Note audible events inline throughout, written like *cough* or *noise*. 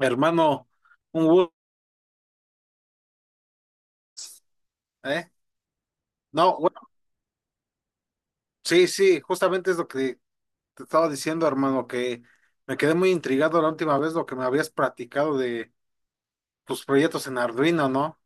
Hermano, un gusto, ¿eh? No, bueno, sí, sí, justamente es lo que te estaba diciendo, hermano, que me quedé muy intrigado la última vez lo que me habías platicado de tus proyectos en Arduino, ¿no?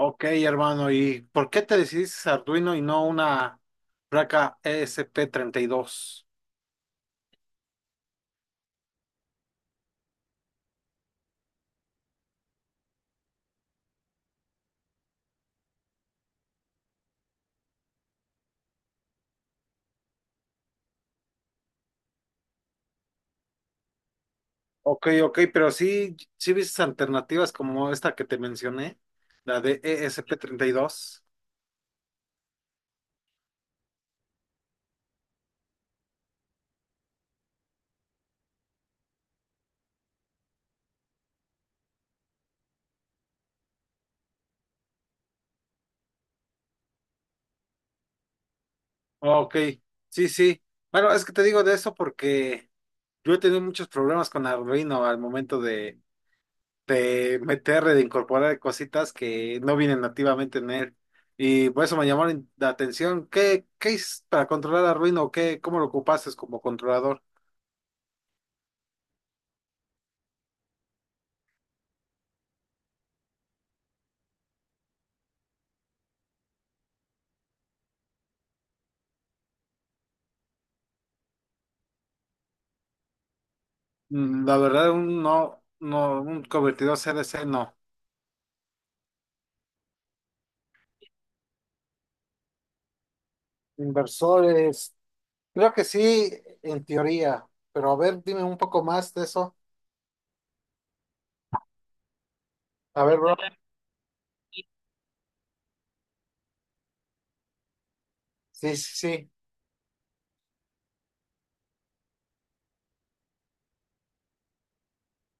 Ok, hermano, ¿y por qué te decidiste a Arduino y no una placa esp dos? Ok, ok, pero sí, sí viste alternativas como esta que te mencioné, la de esp dos. Ok, sí, sí. Bueno, es que te digo de eso porque... Yo he tenido muchos problemas con Arduino al momento de incorporar cositas que no vienen nativamente en él. Y por eso me llamó la atención. ¿Qué es para controlar Arduino? ¿Qué, cómo lo ocupaste como controlador? Mm, la verdad, un no, no, un convertidor C D C no. Inversores, creo que sí, en teoría. Pero a ver, dime un poco más de eso. A ver, bro. Sí, sí, sí.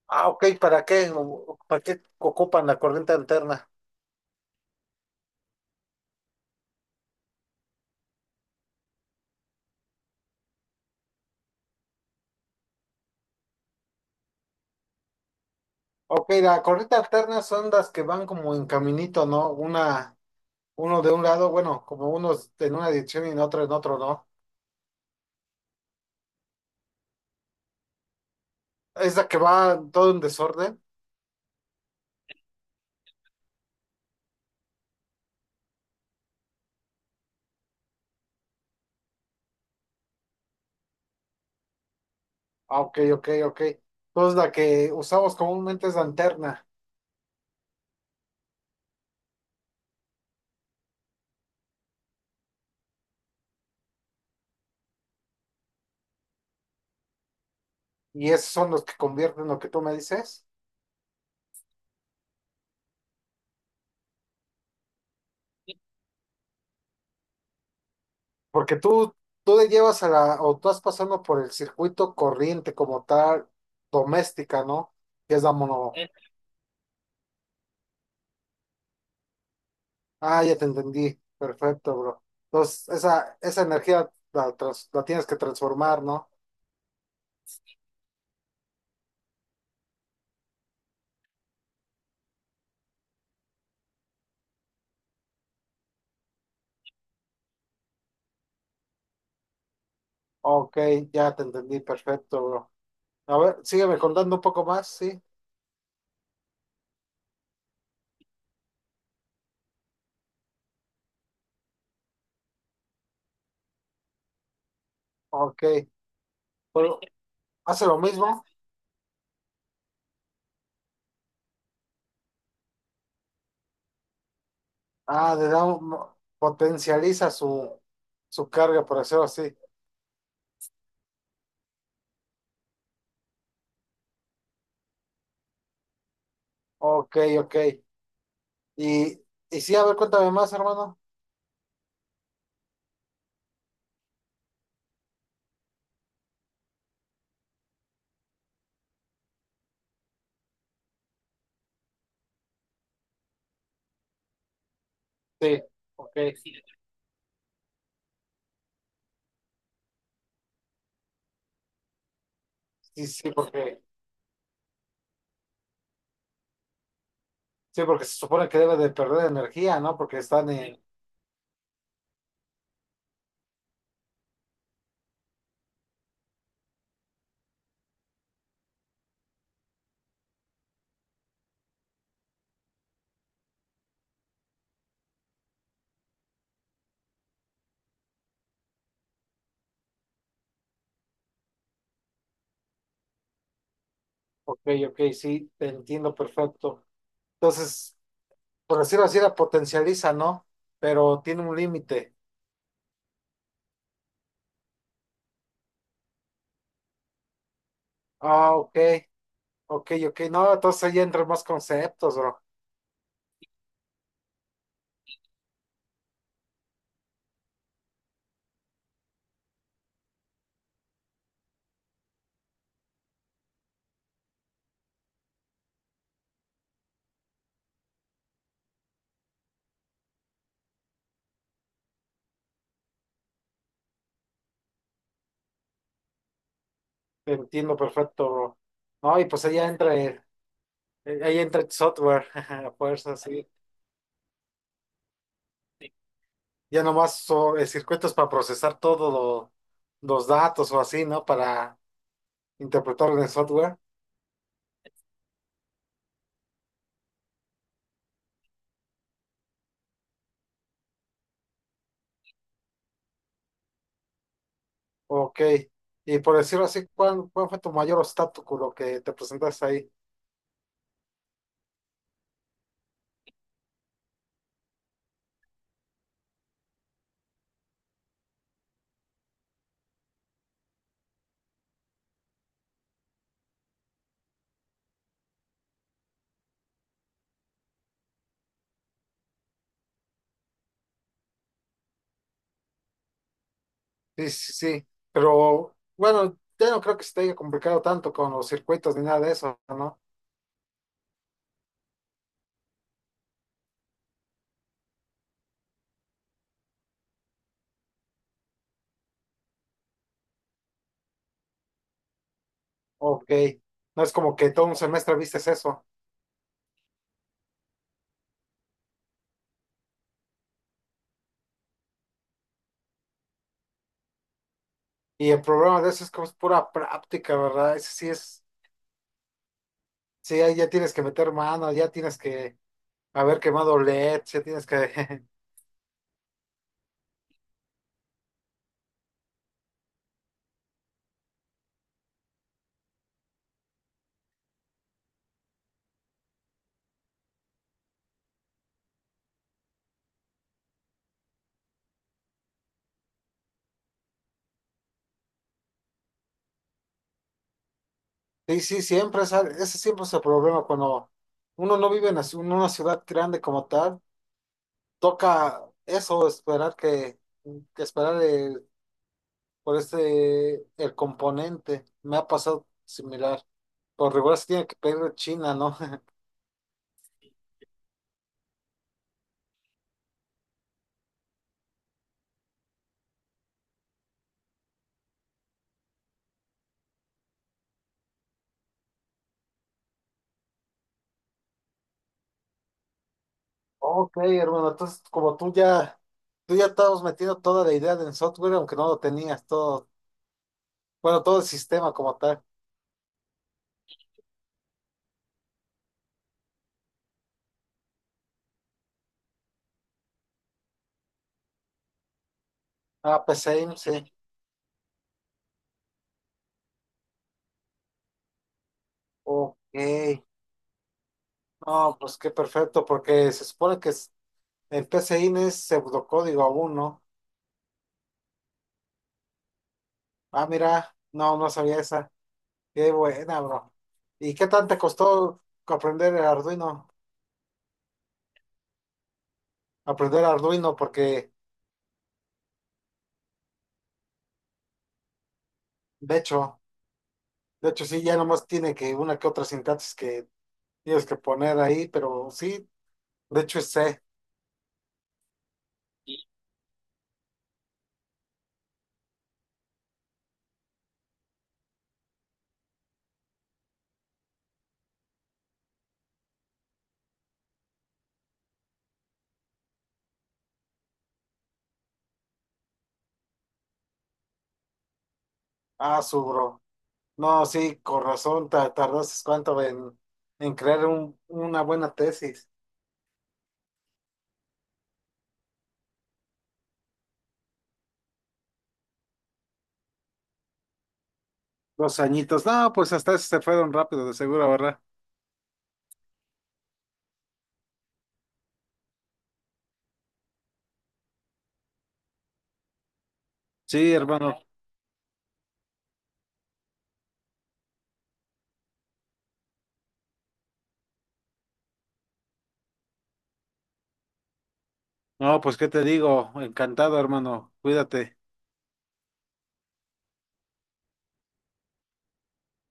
Ah, ok, ¿para qué? ¿Para qué ocupan la corriente alterna? Ok, la corrida alterna son las que van como en caminito, ¿no? Una, uno de un lado, bueno, como unos en una dirección y en otro, ¿no? Es la que va todo en desorden. Ah, ok, ok, ok. Entonces la que usamos comúnmente es la alterna y esos son los que convierten lo que tú me dices. Porque tú le llevas a la, o tú vas pasando por el circuito corriente como tal, doméstica, ¿no? Que es la mono. Ah, ya te entendí. Perfecto, bro. Entonces, esa energía la, trans- la tienes que transformar, ¿no? Ok, ya te entendí. Perfecto, bro. A ver, sígueme contando un poco más, ¿sí? Ok. Pero, ¿hace lo mismo? Ah, le da un- potencializa su, su carga, por hacerlo así. Ok, ok. Y, y sí, a ver, cuéntame más, hermano. Sí, ok. Sí, sí, porque se supone que debe de perder energía, ¿no? Porque están en... Ok, ok, sí, te entiendo perfecto. Entonces, por decirlo así, la potencializa, ¿no? Pero tiene un límite. Ah, ok, ok, ok. No, entonces ahí entran más conceptos, bro. Te entiendo perfecto, bro. No, y pues ahí entra ahí entra el software, *laughs* a fuerza, sí. Ya nomás son circuitos para procesar todos los datos o así, ¿no? Para interpretar en el software. Ok. Y por decirlo así, ¿cuál fue tu mayor obstáculo que te presentaste ahí? Sí, sí, sí, pero bueno, ya no creo que se te haya complicado tanto con los circuitos ni nada de eso, ¿no? Ok, no es como que todo un semestre vistes eso. Y el problema de eso es que es pura práctica, ¿verdad? Ese sí es, sí, ahí ya tienes que meter mano, ya tienes que haber quemado LEDs, ya tienes que... *laughs* Sí, sí, siempre, es al- ese siempre es el problema cuando uno no vive en la ci- en una ciudad grande como tal, toca eso, esperar que esperar el por ese, el componente. Me ha pasado similar. Por regular se tiene que pedir de China, ¿no? *laughs* Ok, hermano, entonces como tú ya estabas metiendo toda la idea del software, aunque no lo tenías todo, bueno, todo el sistema como tal. Ah, PCIM, sí. Ok. No, pues qué perfecto, porque se supone que es- el PCIM es pseudocódigo aún, ¿no? Ah, mira, no, no sabía esa. Qué buena, bro. ¿Y qué tanto te costó aprender el Arduino? Aprender Arduino porque de hecho, de hecho sí, ya nomás tiene que una que otra sintaxis que tienes que poner ahí, pero sí, de hecho es C. Ah, su bro. No, sí, con razón, ta- tardaste cuánto en crear un- una buena tesis. Dos añitos. No, pues hasta eso se fueron rápido, de seguro, ¿verdad? Sí, hermano. No, pues qué te digo, encantado, hermano. Cuídate.